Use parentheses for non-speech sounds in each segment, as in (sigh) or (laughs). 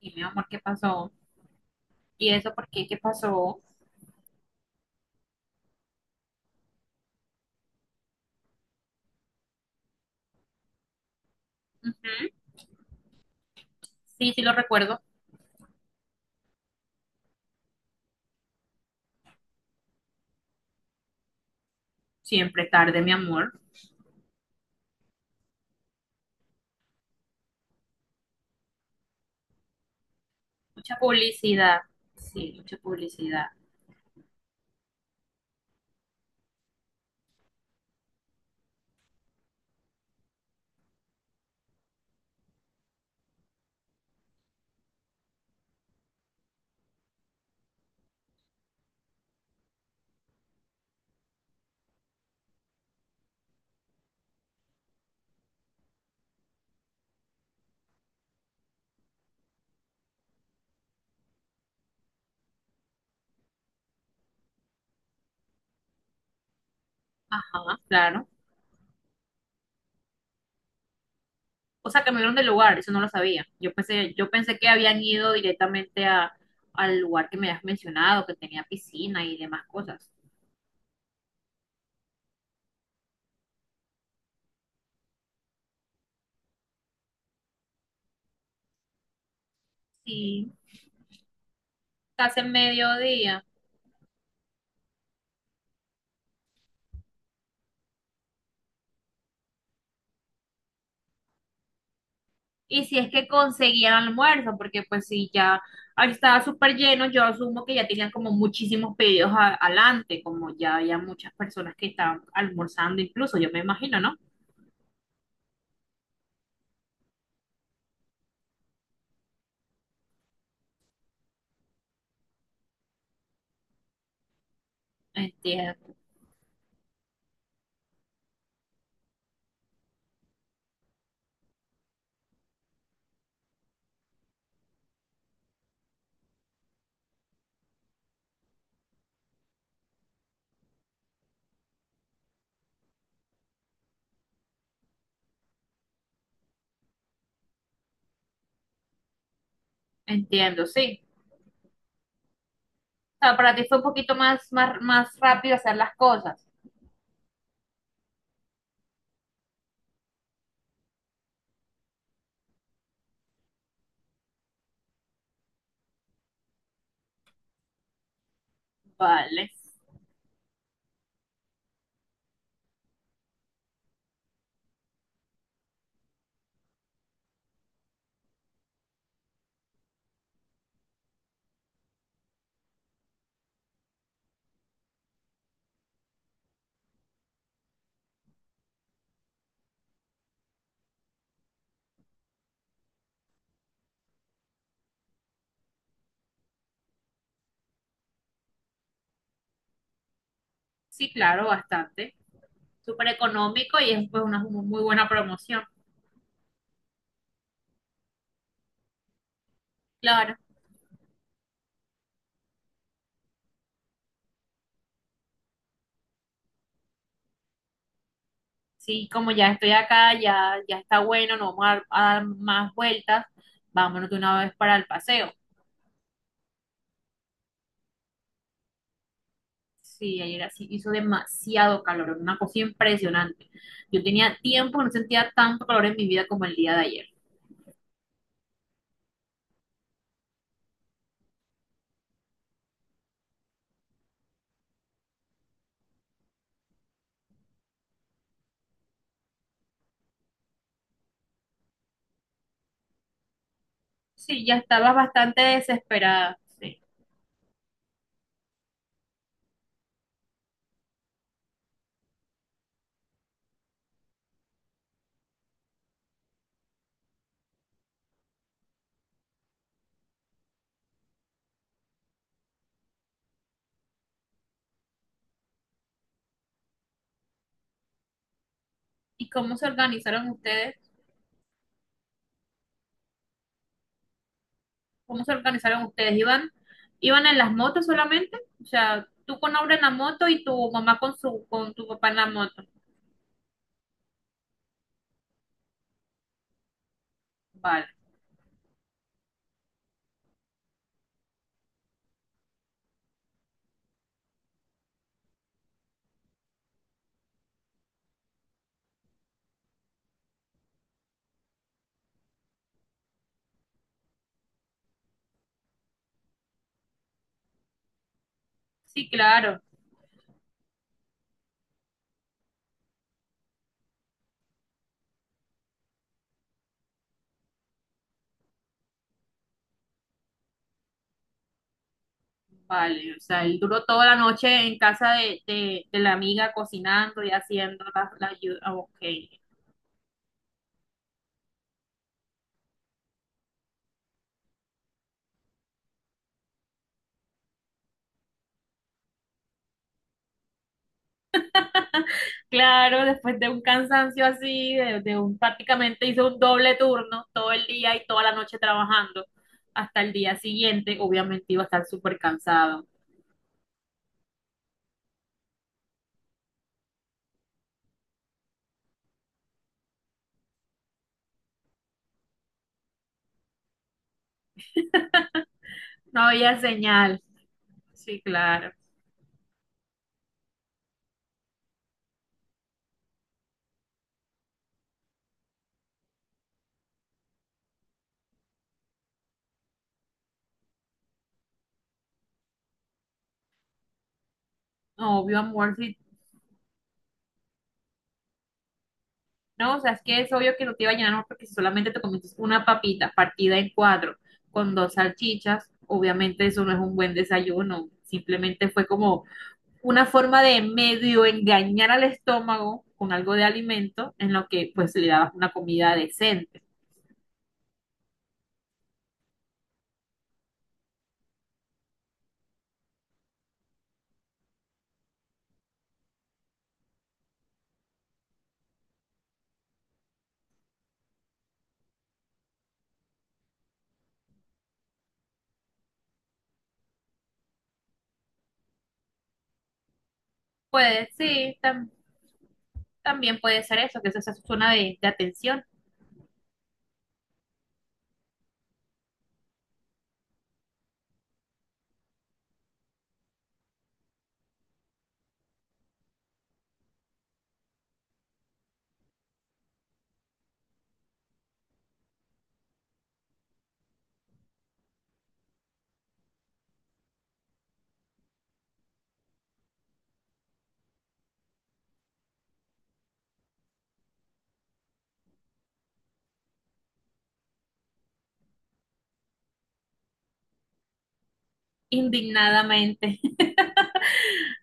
Y mi amor, ¿qué pasó? ¿Y eso por qué? ¿Qué pasó? Ujú. Sí, sí lo recuerdo. Siempre tarde, mi amor. Mucha publicidad. Sí, mucha publicidad. Ajá, claro. O sea, cambiaron de lugar, eso no lo sabía. Yo pensé que habían ido directamente a, al lugar que me has mencionado, que tenía piscina y demás cosas. Sí, casi el mediodía. Y si es que conseguían almuerzo, porque pues si ya ahí estaba súper lleno, yo asumo que ya tenían como muchísimos pedidos adelante, como ya había muchas personas que estaban almorzando incluso, yo me imagino, ¿no? Entiendo, entiendo, sí. O sea, para ti fue un poquito más rápido hacer las cosas. Vale. Sí, claro, bastante. Súper económico y es pues una muy buena promoción. Claro. Sí, como ya estoy acá, ya, ya está bueno, no vamos a, dar más vueltas, vámonos de una vez para el paseo. Sí, ayer así hizo demasiado calor, una cosa impresionante. Yo tenía tiempo, no sentía tanto calor en mi vida como el día de ayer. Sí, ya estaba bastante desesperada. Sí. ¿Y cómo se organizaron ustedes? ¿Cómo se organizaron ustedes? ¿Iban, iban en las motos solamente? O sea, tú con Aura en la moto y tu mamá con su, con tu papá en la moto. Vale. Sí, claro. Vale, o sea, él duró toda la noche en casa de la amiga cocinando y haciendo la, la ayuda. Ah, ok. Claro, después de un cansancio así, de un prácticamente hizo un doble turno todo el día y toda la noche trabajando hasta el día siguiente, obviamente iba a estar súper cansado. (laughs) No había señal. Sí, claro. No, obvio, amor, si no, o sea, es que es obvio que no te iba a llenar más porque si solamente te comes una papita partida en cuatro con dos salchichas, obviamente eso no es un buen desayuno. Simplemente fue como una forma de medio engañar al estómago con algo de alimento en lo que pues le dabas una comida decente. Pues sí, también puede ser eso, que eso es una zona de atención, indignadamente.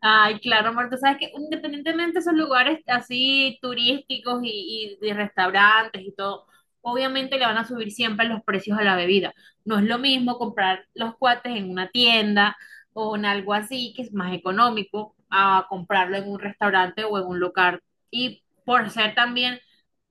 Ay, claro, amor, tú sabes que independientemente de esos lugares así turísticos y de restaurantes y todo, obviamente le van a subir siempre los precios a la bebida. No es lo mismo comprar los cuates en una tienda o en algo así que es más económico a comprarlo en un restaurante o en un local. Y por ser también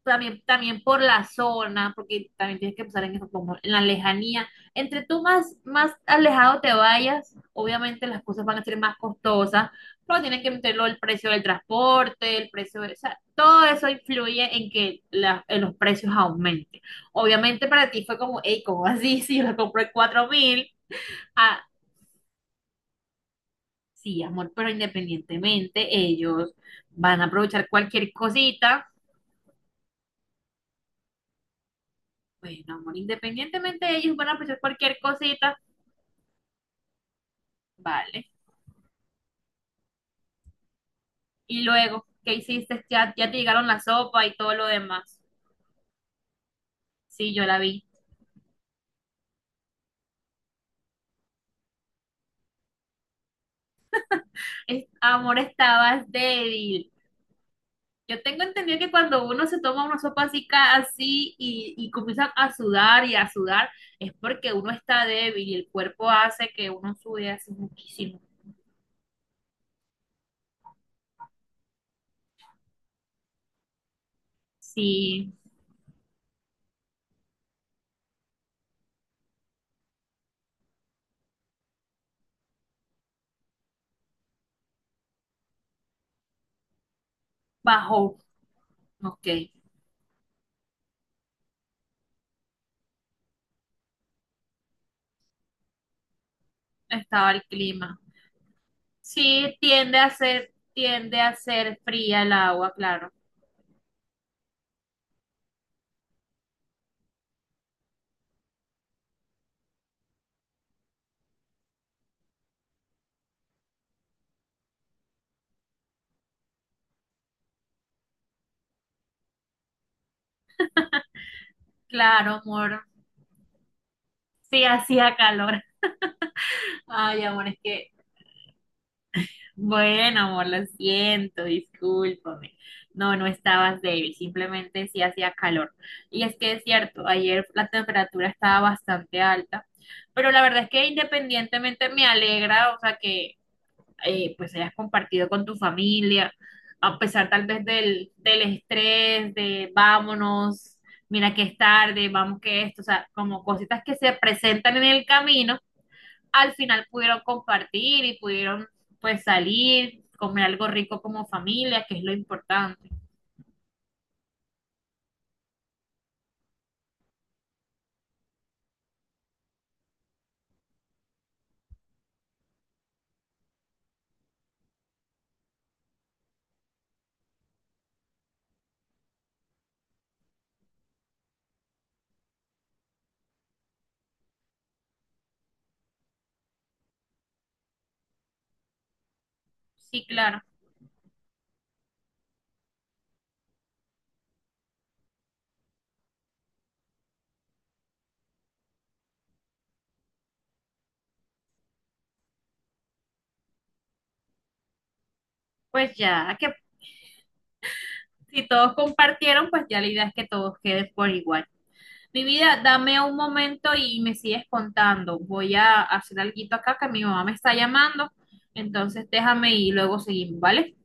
también, también por la zona, porque también tienes que pensar en eso, como en la lejanía. Entre tú más alejado te vayas, obviamente las cosas van a ser más costosas, pero tienes que meterlo el precio del transporte, el precio de, o sea, todo eso influye en que en los precios aumenten. Obviamente para ti fue como, hey, ¿cómo así? (laughs) Si yo la compré en 4 mil, ah, sí, amor, pero independientemente ellos van a aprovechar cualquier cosita. Bueno, amor, independientemente ellos van a aprovechar cualquier cosita. Vale. Y luego, ¿qué hiciste? Ya, ya te llegaron la sopa y todo lo demás. Sí, yo la vi. Amor, estabas débil. Yo tengo entendido que cuando uno se toma una sopa así, así y comienza a sudar y a sudar, es porque uno está débil y el cuerpo hace que uno sude así muchísimo. Sí, bajó. Ok, estaba el clima. Sí, tiende a ser fría el agua, claro. Claro, amor. Sí, hacía calor. Ay, amor, es que, bueno, amor, lo siento, discúlpame. No, no estabas débil, simplemente sí hacía calor. Y es que es cierto, ayer la temperatura estaba bastante alta, pero la verdad es que independientemente me alegra, o sea, que pues hayas compartido con tu familia, a pesar tal vez del, del estrés, de vámonos, mira que es tarde, vamos que esto, o sea, como cositas que se presentan en el camino al final pudieron compartir y pudieron pues salir, comer algo rico como familia, que es lo importante. Sí, claro. Pues ya que si todos compartieron, pues ya la idea es que todos queden por igual. Mi vida, dame un momento y me sigues contando. Voy a hacer algo acá que mi mamá me está llamando. Entonces déjame y luego seguimos, ¿vale?